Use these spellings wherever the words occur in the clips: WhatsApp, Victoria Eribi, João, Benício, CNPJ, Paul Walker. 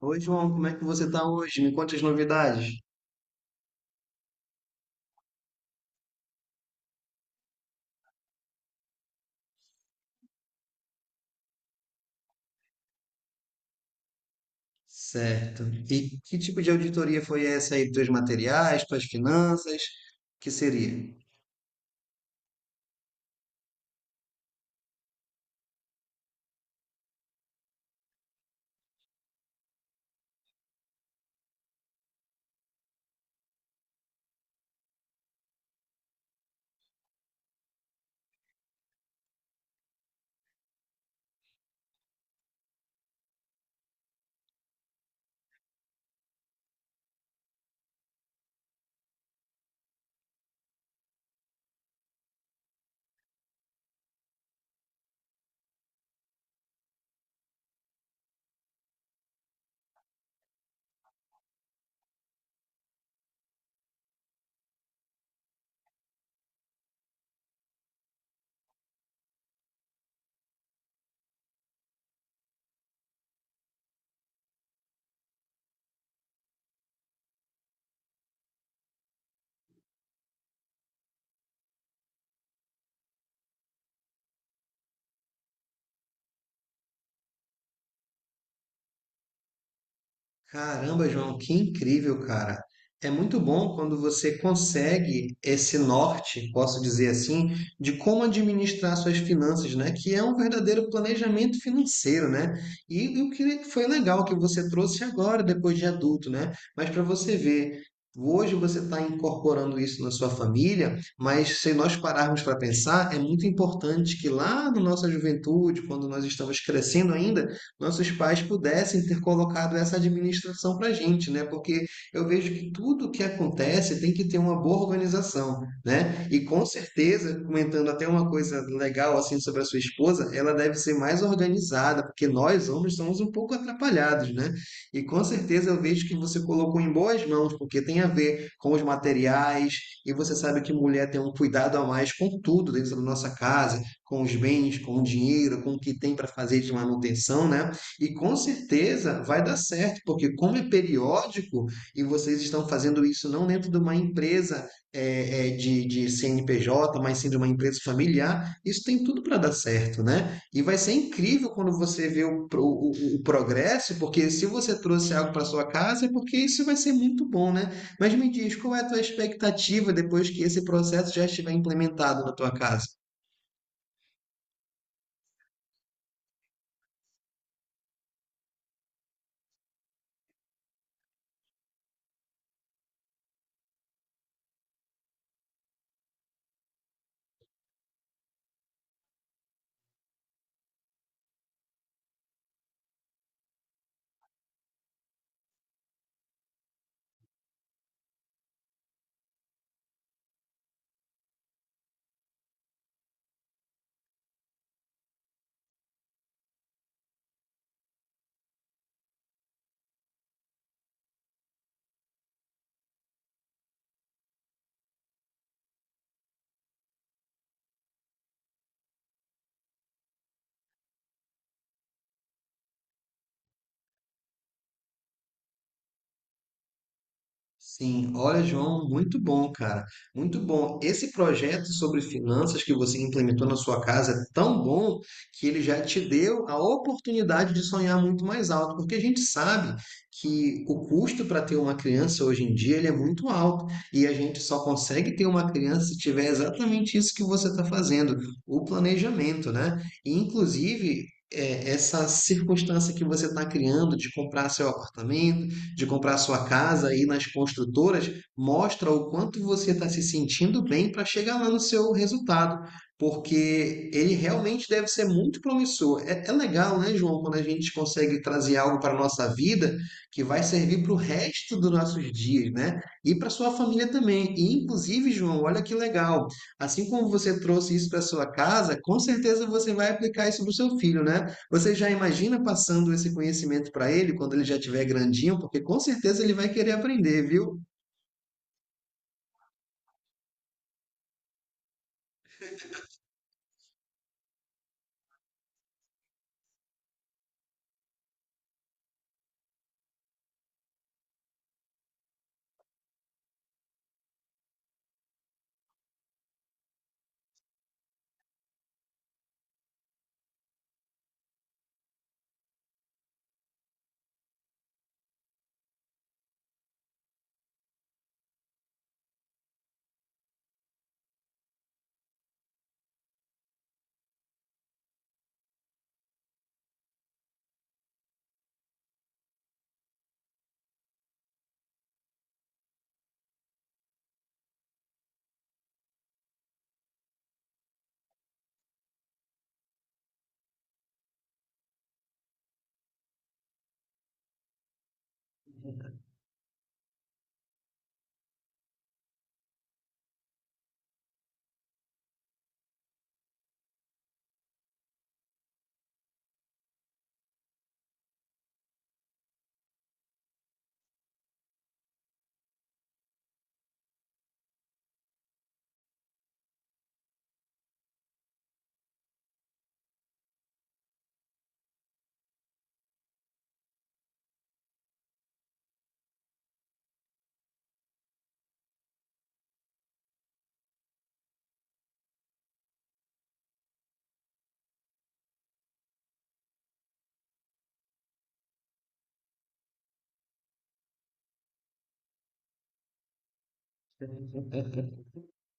Oi, João, como é que você está hoje? Me conte as novidades. Certo. E que tipo de auditoria foi essa aí dos materiais, tuas finanças? Que seria? Caramba, João, que incrível, cara. É muito bom quando você consegue esse norte, posso dizer assim, de como administrar suas finanças, né? Que é um verdadeiro planejamento financeiro, né? E o que foi legal que você trouxe agora, depois de adulto, né? Mas para você ver, hoje você está incorporando isso na sua família, mas se nós pararmos para pensar, é muito importante que lá na nossa juventude, quando nós estamos crescendo ainda, nossos pais pudessem ter colocado essa administração para a gente, né? Porque eu vejo que tudo que acontece tem que ter uma boa organização, né? E com certeza, comentando até uma coisa legal assim sobre a sua esposa, ela deve ser mais organizada, porque nós homens somos um pouco atrapalhados, né? E com certeza eu vejo que você colocou em boas mãos, porque tem a ver com os materiais, e você sabe que mulher tem um cuidado a mais com tudo dentro da nossa casa, com os bens, com o dinheiro, com o que tem para fazer de manutenção, né? E com certeza vai dar certo, porque como é periódico e vocês estão fazendo isso não dentro de uma empresa de CNPJ, mas sim de uma empresa familiar, isso tem tudo para dar certo, né? E vai ser incrível quando você vê o progresso, porque se você trouxe algo para sua casa, é porque isso vai ser muito bom, né? Mas me diz, qual é a tua expectativa depois que esse processo já estiver implementado na tua casa? Sim, olha, João, muito bom, cara. Muito bom. Esse projeto sobre finanças que você implementou na sua casa é tão bom que ele já te deu a oportunidade de sonhar muito mais alto, porque a gente sabe que o custo para ter uma criança hoje em dia ele é muito alto e a gente só consegue ter uma criança se tiver exatamente isso que você está fazendo, o planejamento, né? E, inclusive, essa circunstância que você está criando de comprar seu apartamento de comprar sua casa aí nas construtoras, mostra o quanto você está se sentindo bem para chegar lá no seu resultado, porque ele realmente deve ser muito promissor. É, é legal, né, João, quando a gente consegue trazer algo para a nossa vida que vai servir para o resto dos nossos dias, né? E para sua família também. E, inclusive, João, olha que legal. Assim como você trouxe isso para sua casa, com certeza você vai aplicar isso para o seu filho, né? Você já imagina passando esse conhecimento para ele quando ele já tiver grandinho, porque com certeza ele vai querer aprender, viu?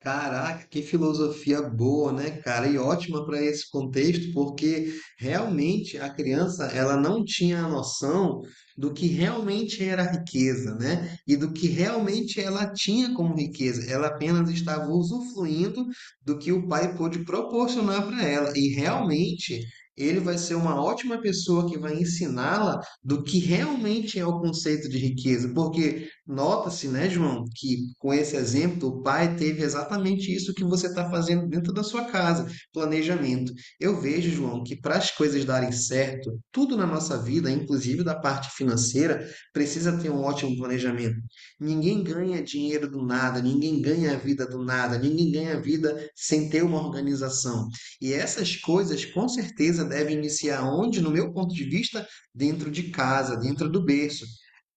Caraca, que filosofia boa, né, cara? E ótima para esse contexto, porque realmente a criança ela não tinha a noção do que realmente era a riqueza, né? E do que realmente ela tinha como riqueza. Ela apenas estava usufruindo do que o pai pôde proporcionar para ela. E realmente ele vai ser uma ótima pessoa que vai ensiná-la do que realmente é o conceito de riqueza, porque nota-se, né, João, que com esse exemplo, o pai teve exatamente isso que você está fazendo dentro da sua casa, planejamento. Eu vejo, João, que para as coisas darem certo, tudo na nossa vida, inclusive da parte financeira, precisa ter um ótimo planejamento. Ninguém ganha dinheiro do nada, ninguém ganha a vida do nada, ninguém ganha a vida sem ter uma organização. E essas coisas, com certeza, devem iniciar onde, no meu ponto de vista, dentro de casa, dentro do berço.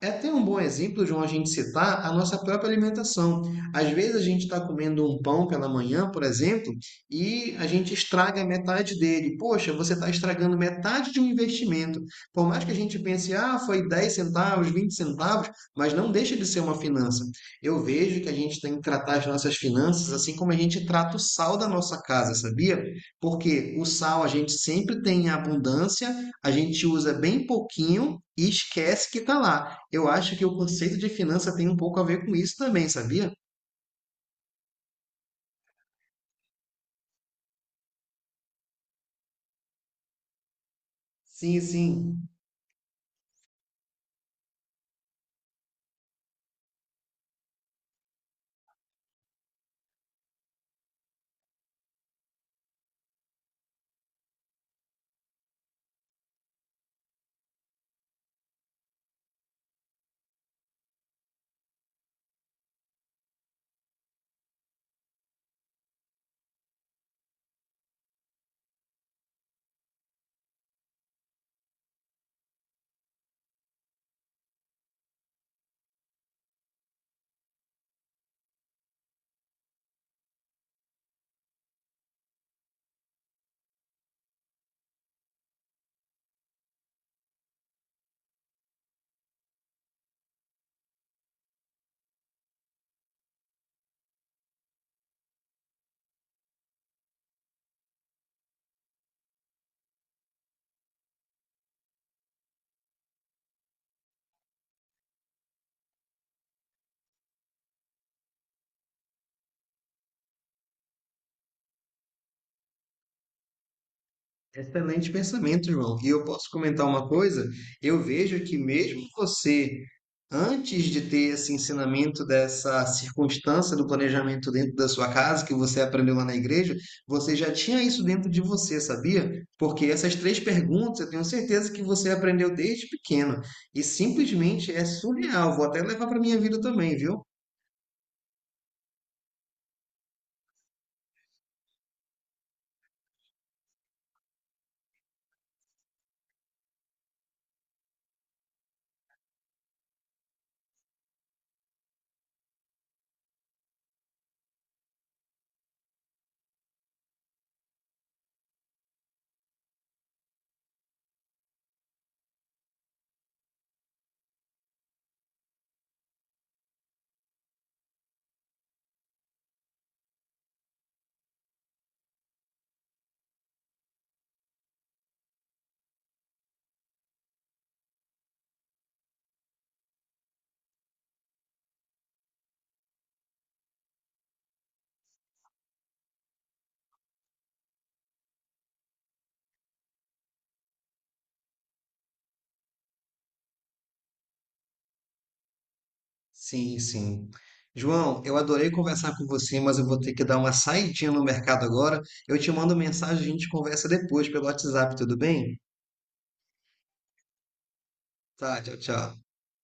É até um bom exemplo, João, a gente citar a nossa própria alimentação. Às vezes a gente está comendo um pão pela manhã, por exemplo, e a gente estraga metade dele. Poxa, você está estragando metade de um investimento. Por mais que a gente pense, ah, foi 10 centavos, 20 centavos, mas não deixa de ser uma finança. Eu vejo que a gente tem que tratar as nossas finanças assim como a gente trata o sal da nossa casa, sabia? Porque o sal a gente sempre tem em abundância, a gente usa bem pouquinho e esquece que está lá. Eu acho que o conceito de finança tem um pouco a ver com isso também, sabia? Sim, sim. Excelente pensamento, João. E eu posso comentar uma coisa? Eu vejo que mesmo você, antes de ter esse ensinamento dessa circunstância do planejamento dentro da sua casa, que você aprendeu lá na igreja, você já tinha isso dentro de você, sabia? Porque essas três perguntas eu tenho certeza que você aprendeu desde pequeno. E simplesmente é surreal. Vou até levar para minha vida também, viu? Sim, sim. João, eu adorei conversar com você, mas eu vou ter que dar uma saidinha no mercado agora. Eu te mando mensagem, a gente conversa depois pelo WhatsApp, tudo bem? Tá, tchau, tchau.